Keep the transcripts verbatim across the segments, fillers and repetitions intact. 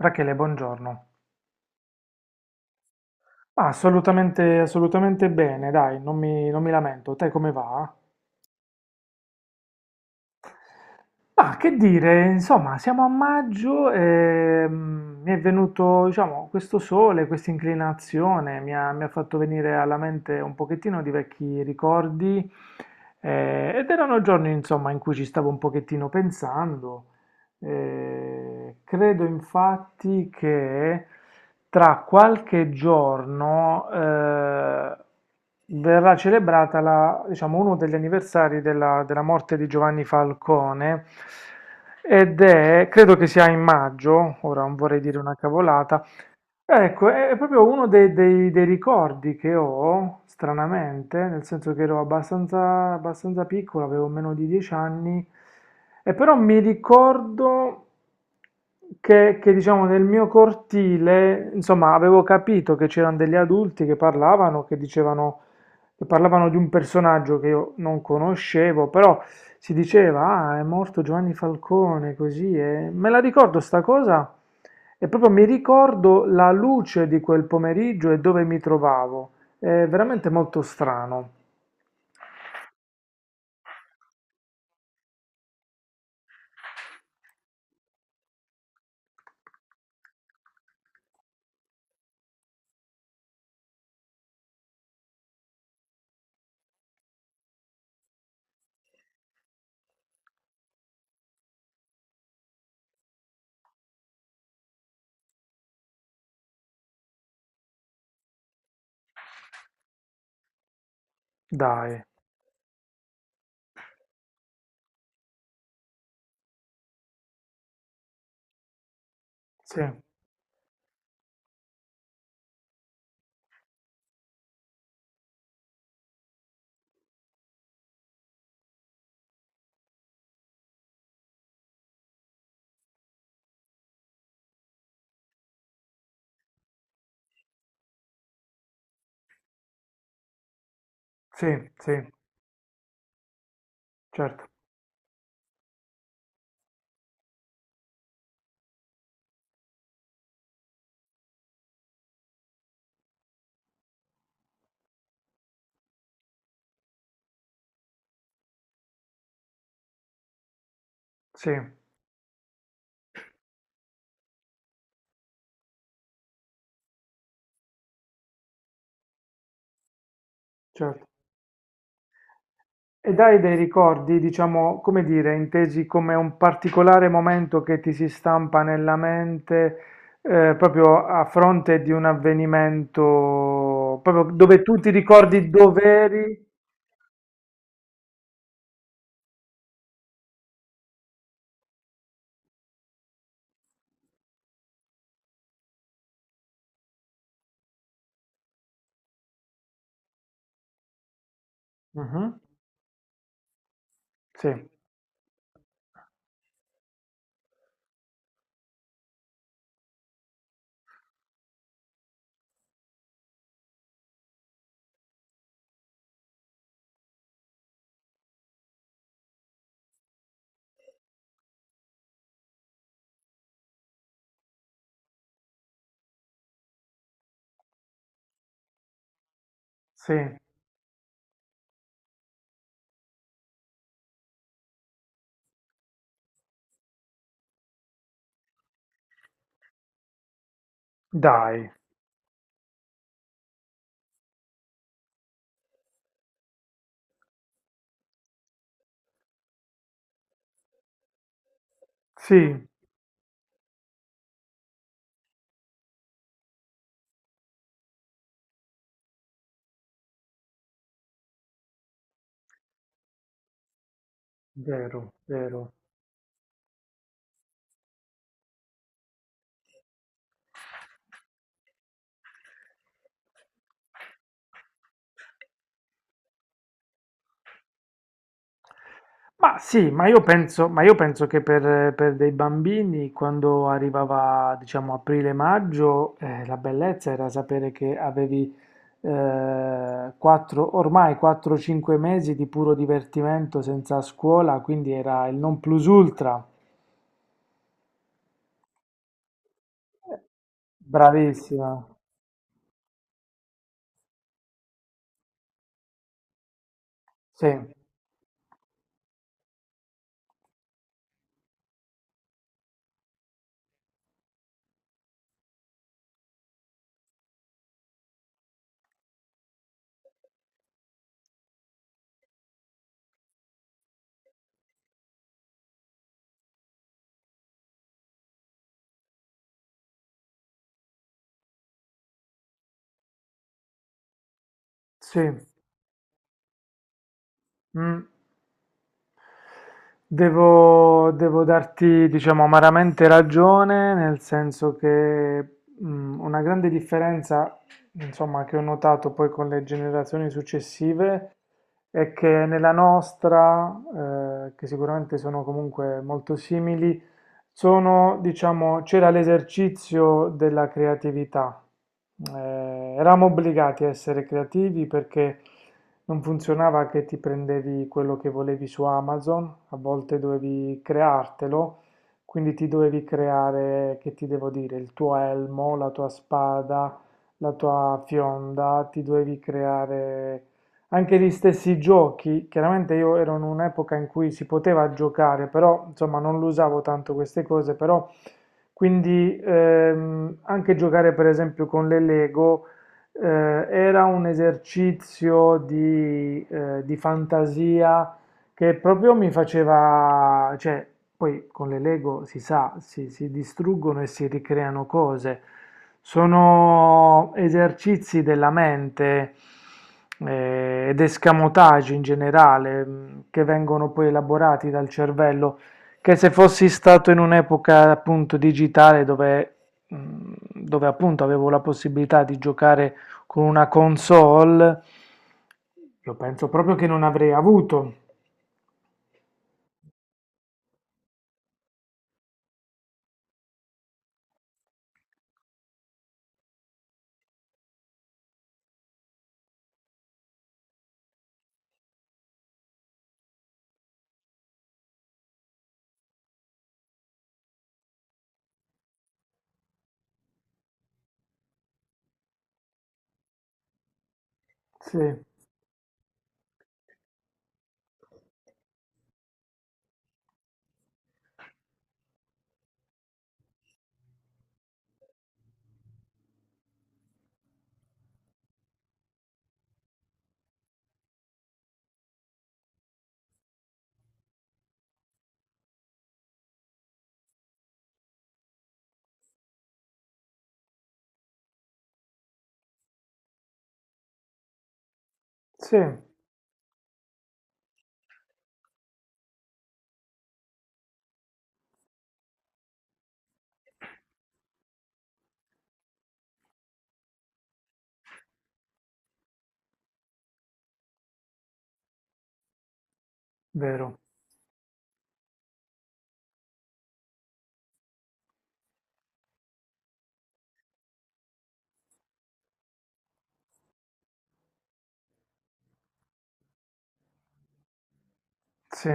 Rachele, buongiorno. Ah, assolutamente, assolutamente bene, dai, non mi, non mi lamento. Te come va? Ma che dire, insomma, siamo a maggio e mm, mi è venuto, diciamo, questo sole, questa inclinazione, mi ha, mi ha fatto venire alla mente un pochettino di vecchi ricordi, eh, ed erano giorni, insomma, in cui ci stavo un pochettino pensando. Eh, credo infatti che tra qualche giorno eh, verrà celebrata la- diciamo, uno degli anniversari della, della morte di Giovanni Falcone ed è, credo che sia in maggio, ora non vorrei dire una cavolata. Ecco, è è proprio uno dei, dei- dei ricordi che ho, stranamente, nel senso che ero abbastanza, abbastanza piccolo, avevo meno di dieci anni, e però mi ricordo che, che, diciamo, nel mio cortile, insomma, avevo capito che c'erano degli adulti che parlavano, che dicevano che parlavano di un personaggio che io non conoscevo, però si diceva, ah, è morto Giovanni Falcone, così, e me la ricordo sta cosa e proprio mi ricordo la luce di quel pomeriggio e dove mi trovavo. È veramente molto strano. Dai. Sì, sì, sì, certo, sì, certo. Ed hai dei ricordi, diciamo, come dire, intesi come un particolare momento che ti si stampa nella mente, eh, proprio a fronte di un avvenimento, proprio dove tu ti ricordi dove eri? Mhm. Sì, sì, dai, sì, vero, vero. Ma sì, ma io penso, ma io penso che per, per dei bambini, quando arrivava, diciamo, aprile-maggio, eh, la bellezza era sapere che avevi eh, quattro- ormai quattro o cinque mesi di puro divertimento senza scuola, quindi era il non plus ultra. Bravissima, sì, sì. mm. Devo, devo darti, diciamo, amaramente ragione, nel senso che mm, una grande differenza, insomma, che ho notato poi con le generazioni successive e che nella nostra, eh, che sicuramente sono comunque molto simili, sono, diciamo, c'era l'esercizio della creatività. Eh, eravamo obbligati a essere creativi perché non funzionava che ti prendevi quello che volevi su Amazon, a volte dovevi creartelo, quindi ti dovevi creare, che ti devo dire, il tuo elmo, la tua spada, la tua fionda, ti dovevi creare anche gli stessi giochi. Chiaramente io ero in un'epoca in cui si poteva giocare, però insomma non lo usavo tanto queste cose, però quindi ehm, anche giocare per esempio con le Lego eh, era un esercizio di, eh, di fantasia che proprio mi faceva, cioè poi con le Lego si sa, si si distruggono e si ricreano cose. Sono esercizi della mente eh, ed escamotage in generale, mh, che vengono poi elaborati dal cervello, che se fossi stato in un'epoca appunto digitale dove, mh, dove appunto avevo la possibilità di giocare con una console, io penso proprio che non avrei avuto. Sì, sì, vero, sì,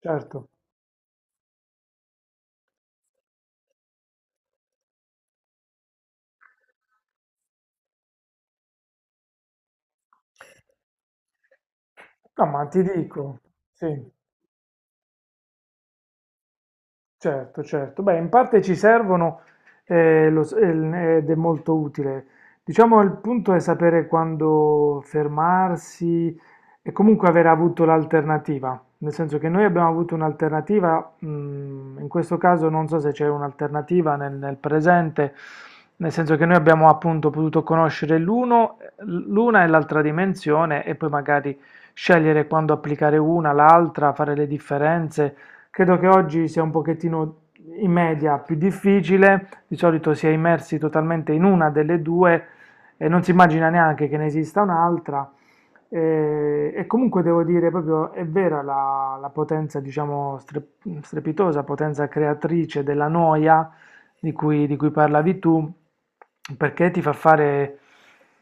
certo. No, ma ti dico, sì. Certo, certo. Beh, in parte ci servono, eh, lo s- eh, ed è molto utile. Diciamo il punto è sapere quando fermarsi e comunque aver avuto l'alternativa. Nel senso che noi abbiamo avuto un'alternativa, mm, in questo caso non so se c'è un'alternativa nel, nel presente, nel senso che noi abbiamo appunto potuto conoscere l'uno, l'una e l'altra dimensione e poi magari scegliere quando applicare una, l'altra, fare le differenze. Credo che oggi sia un pochettino in media più difficile, di solito si è immersi totalmente in una delle due e non si immagina neanche che ne esista un'altra. E, e comunque devo dire proprio è vera la, la potenza, diciamo, stre- strepitosa, potenza creatrice della noia di cui, di cui parlavi tu, perché ti fa fare,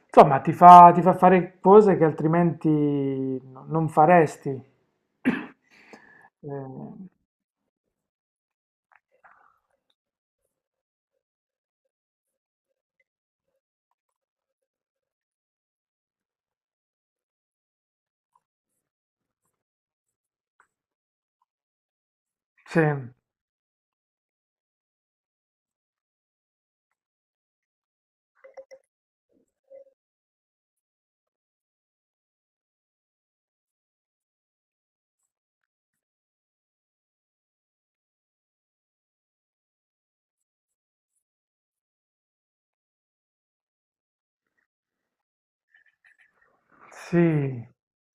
insomma, ti fa, ti fa fare cose che altrimenti no- non faresti. Eh, sì, sì,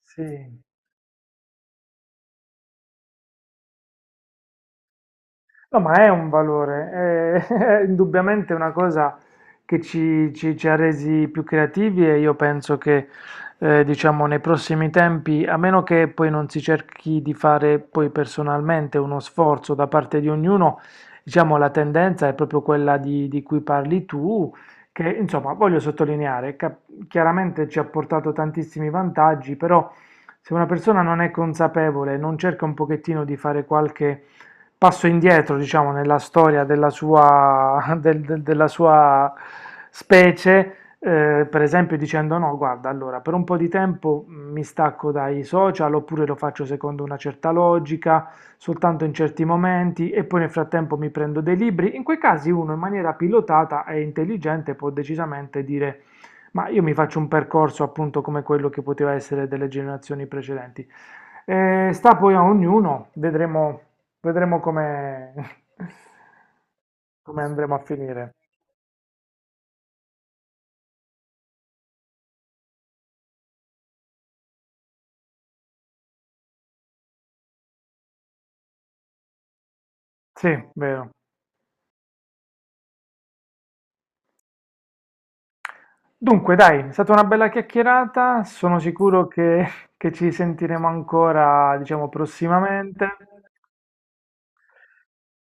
sì. No, ma è un valore, è, è indubbiamente una cosa che ci, ci- ci ha resi più creativi e io penso che, eh, diciamo, nei prossimi tempi, a meno che poi non si cerchi di fare poi personalmente uno sforzo da parte di ognuno, diciamo, la tendenza è proprio quella di, di cui parli tu, che, insomma, voglio sottolineare, cap- chiaramente ci ha portato tantissimi vantaggi, però se una persona non è consapevole, non cerca un pochettino di fare qualche passo indietro, diciamo, nella storia della sua, del- del- della sua specie, eh, per esempio dicendo no, guarda, allora per un po' di tempo mi stacco dai social oppure lo faccio secondo una certa logica, soltanto in certi momenti e poi nel frattempo mi prendo dei libri. In quei casi uno in maniera pilotata e intelligente può decisamente dire ma io mi faccio un percorso appunto come quello che poteva essere delle generazioni precedenti. Eh, sta poi a ognuno, vedremo Vedremo come, come andremo a finire. Sì, vero. Dunque, dai, è stata una bella chiacchierata. Sono sicuro che, che ci sentiremo ancora, diciamo, prossimamente.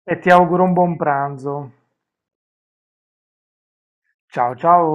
E ti auguro un buon pranzo. Ciao, ciao.